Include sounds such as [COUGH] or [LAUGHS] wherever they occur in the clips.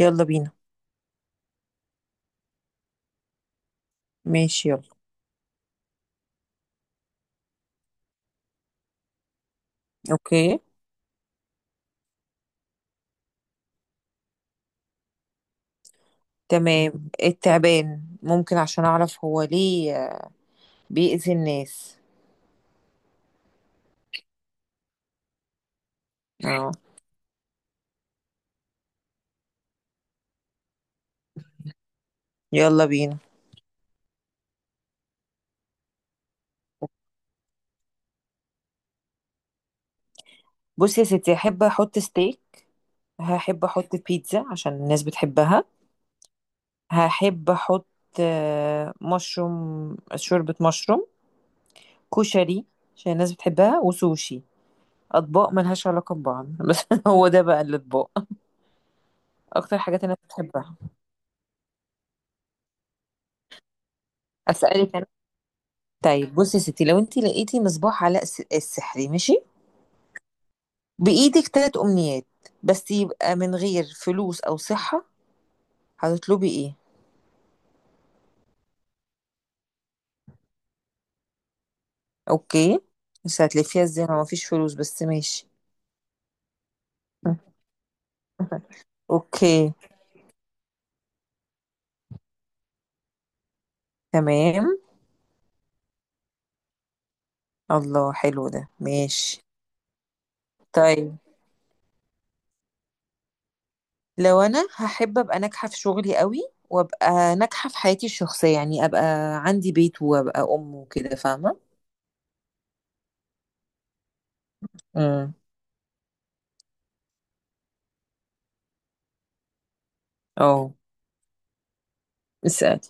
يلا بينا. ماشي، يلا. اوكي. مم. تمام، التعبان ممكن عشان اعرف هو ليه بيأذي الناس. اه، يلا بينا. بصي يا ستي، هحب احط ستيك، هحب احط بيتزا عشان الناس بتحبها، هحب احط مشروم، شوربة مشروم، كشري، عشان الناس بتحبها وسوشي. اطباق ملهاش علاقة ببعض [LAUGHS] بس. هو ده بقى الاطباق اكتر حاجات الناس بتحبها. اسألك انا. طيب بصي يا ستي، لو انت لقيتي مصباح علاء السحري، ماشي، بإيدك تلات أمنيات، بس يبقى من غير فلوس أو صحة، هتطلبي إيه؟ أوكي، بس هتلفيها إزاي ما مفيش فلوس؟ بس ماشي. [LAUGHS] أوكي، تمام. الله، حلو ده، ماشي. طيب، لو أنا هحب أبقى ناجحة في شغلي قوي، وأبقى ناجحة في حياتي الشخصية، يعني أبقى عندي بيت وأبقى أم وكده، فاهمة؟ امم. أه، اسألي.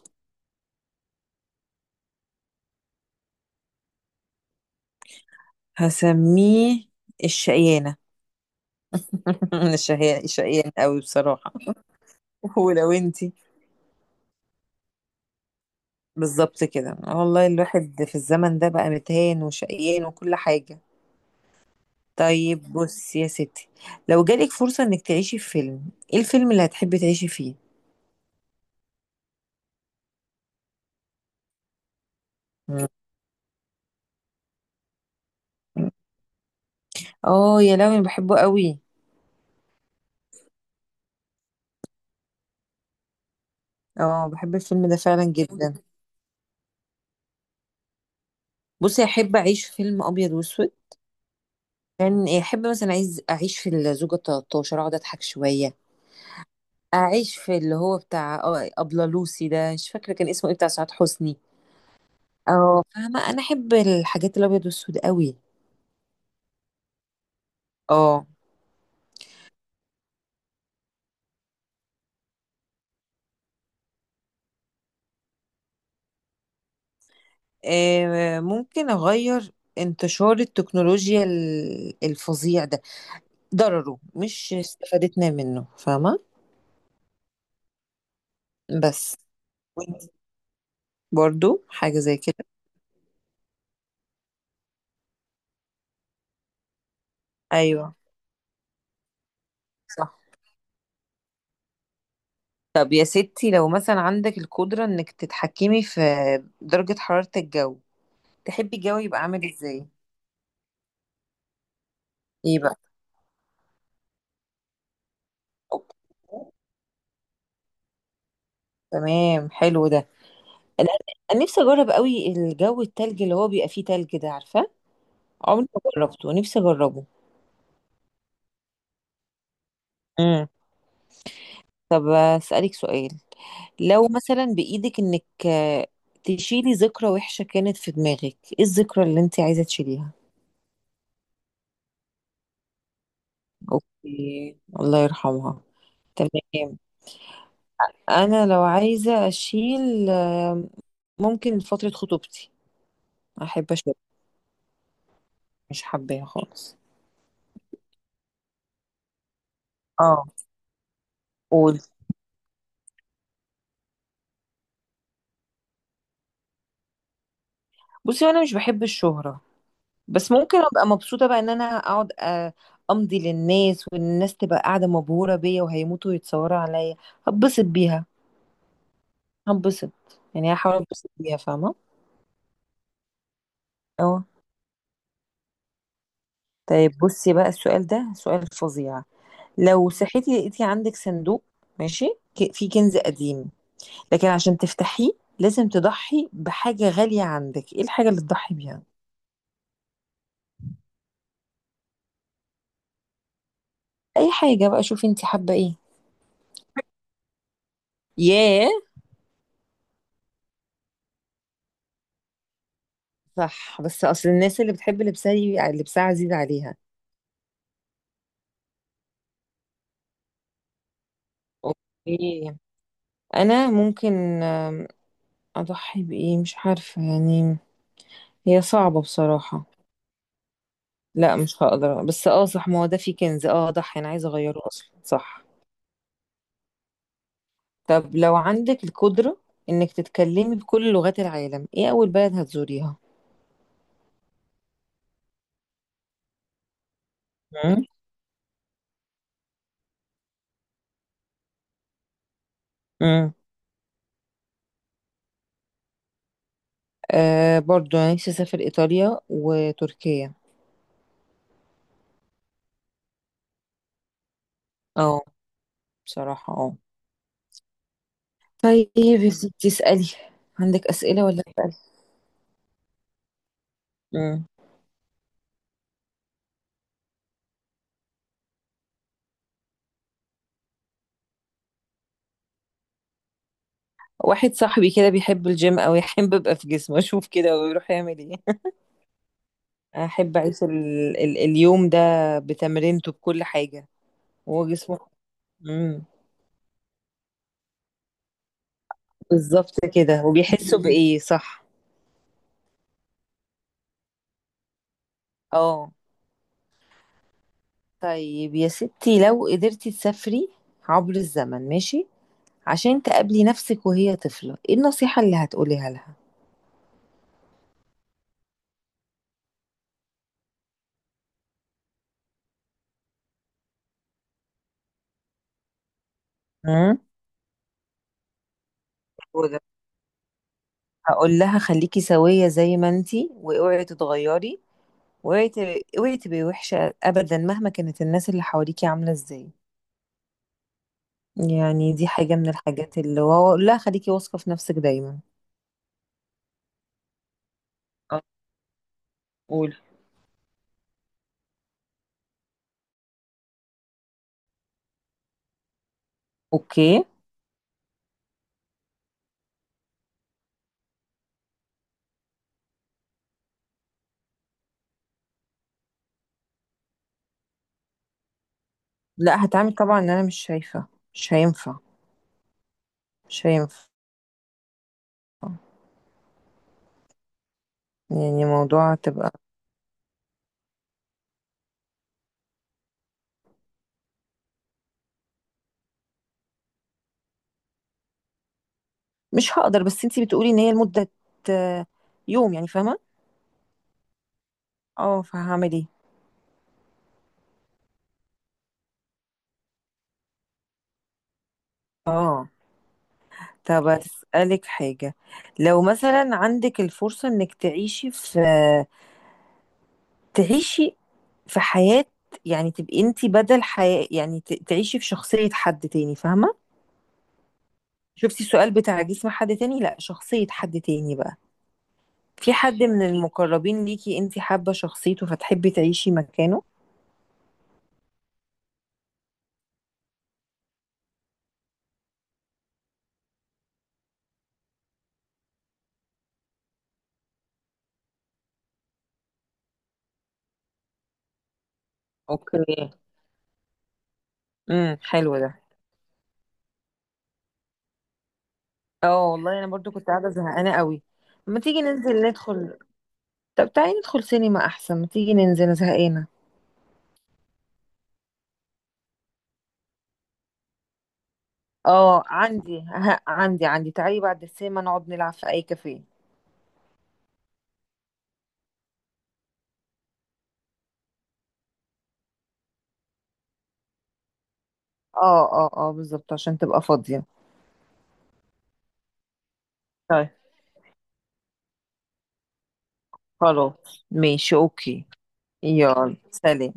هسميه الشقيانة. [LAUGHS] الشقيانة الشقيانة قوي بصراحة. [LAUGHS] ولو انتي بالظبط كده، والله الواحد في الزمن ده بقى متهان وشقيان وكل حاجة. طيب بص يا ستي، لو جالك فرصة انك تعيشي في فيلم، ايه الفيلم اللي هتحبي تعيشي فيه؟ مم. اه يا لهوي، أنا بحبه قوي. اه، بحب الفيلم ده فعلا جدا. بصي، احب اعيش في فيلم ابيض واسود. كان احب مثلا، عايز اعيش في الزوجة 13، اقعد اضحك شوية. اعيش في اللي هو بتاع ابله لوسي ده، مش فاكرة كان اسمه ايه، بتاع سعاد حسني. اه فاهمة، انا احب الحاجات الابيض والاسود قوي. اه، ممكن أغير انتشار التكنولوجيا الفظيع ده، ضرره مش استفادتنا منه، فاهمة. بس وانت برضو حاجة زي كده؟ أيوه صح. طب يا ستي، لو مثلا عندك القدرة إنك تتحكمي في درجة حرارة الجو، تحبي الجو يبقى عامل إزاي؟ إيه بقى؟ أوكي، تمام، حلو ده. أنا أنا نفسي أجرب قوي الجو التلج، اللي هو بيبقى فيه تلج ده، عارفة؟ عمري ما جربته، نفسي أجربه. طب أسألك سؤال، لو مثلا بإيدك إنك تشيلي ذكرى وحشة كانت في دماغك، إيه الذكرى اللي أنت عايزة تشيليها؟ أوكي، الله يرحمها، تمام. أنا لو عايزة أشيل ممكن فترة خطوبتي، أحب أشيل، مش حباها خالص. اه قول. بصي، أنا مش بحب الشهرة، بس ممكن أبقى مبسوطة بقى إن أنا أقعد أمضي للناس، والناس تبقى قاعدة مبهورة بيا وهيموتوا ويتصوروا عليا. هتبسط بيها، هنبسط. يعني هحاول انبسط بيها، فاهمة. اه، طيب، بصي بقى السؤال ده سؤال فظيع. لو صحيتي لقيتي عندك صندوق، ماشي، فيه كنز قديم، لكن عشان تفتحيه لازم تضحي بحاجة غالية عندك، ايه الحاجة اللي تضحي بيها؟ اي حاجة بقى، شوفي انت حابة ايه. ياه. صح، بس اصل الناس اللي بتحب لبسها، لبسها عزيز عليها. اوكي، انا ممكن آم، اضحي بايه، مش عارفة يعني، هي صعبة بصراحة. لا مش هقدر، بس اه صح، ما هو ده فيه كنز، اه اضحي، انا عايزه اغيره اصلا صح. طب لو عندك القدره انك تتكلمي بكل لغات العالم، ايه اول بلد هتزوريها؟ امم. امم. برضو انا نفسي اسافر ايطاليا وتركيا. اه، بصراحه اه. طيب يا ستي اسالي، عندك اسئله؟ ولا اسالي؟ امم. واحد صاحبي كده بيحب الجيم، او يحب ابقى في جسمه اشوف كده ويروح يعمل ايه. [LAUGHS] احب اعيش اليوم ده بتمرينته بكل حاجه. هو جسمه. مم. بالظبط كده، وبيحسوا بإيه، صح. اه، طيب يا ستي، لو قدرتي تسافري عبر الزمن، ماشي، عشان تقابلي نفسك وهي طفلة، ايه النصيحة اللي هتقوليها لها؟ امم. وده، هقول لها خليكي سوية زي ما انتي، واوعي تتغيري، اوعي تبقي وحشة ابدا، مهما كانت الناس اللي حواليكي عاملة ازاي. يعني دي حاجة من الحاجات اللي، واقول لها خليكي واثقة في نفسك دايما. اه قول. اوكي، لا هتعمل طبعا ان انا مش شايفة. مش هينفع، مش هينفع. يعني موضوع تبقى، مش هقدر، بس انتي بتقولي ان هي لمدة آه، يوم، يعني فاهمة. اه فهعمل ايه. اه، طب اسألك حاجة، لو مثلا عندك الفرصة انك تعيشي في، تعيشي في حياة، يعني تبقي انتي بدل حياة، يعني تعيشي في شخصية حد تاني، فاهمة. شفتي السؤال بتاع جسم حد تاني، لا شخصية حد تاني بقى، في حد من المقربين ليكي انتي حابة شخصيته فتحبي تعيشي مكانه؟ اوكي، امم، حلو ده. اه والله انا برضو كنت قاعده زهقانه قوي. ما تيجي ننزل ندخل. طب تعالي ندخل سينما احسن، ما تيجي ننزل، أنا زهقانه. اه، عندي ها عندي عندي تعالي بعد السينما نقعد نلعب في اي كافيه. اه اه اه، بالظبط، عشان تبقى فاضيه. طيب خلاص، ماشي، اوكي. يلا، سلام.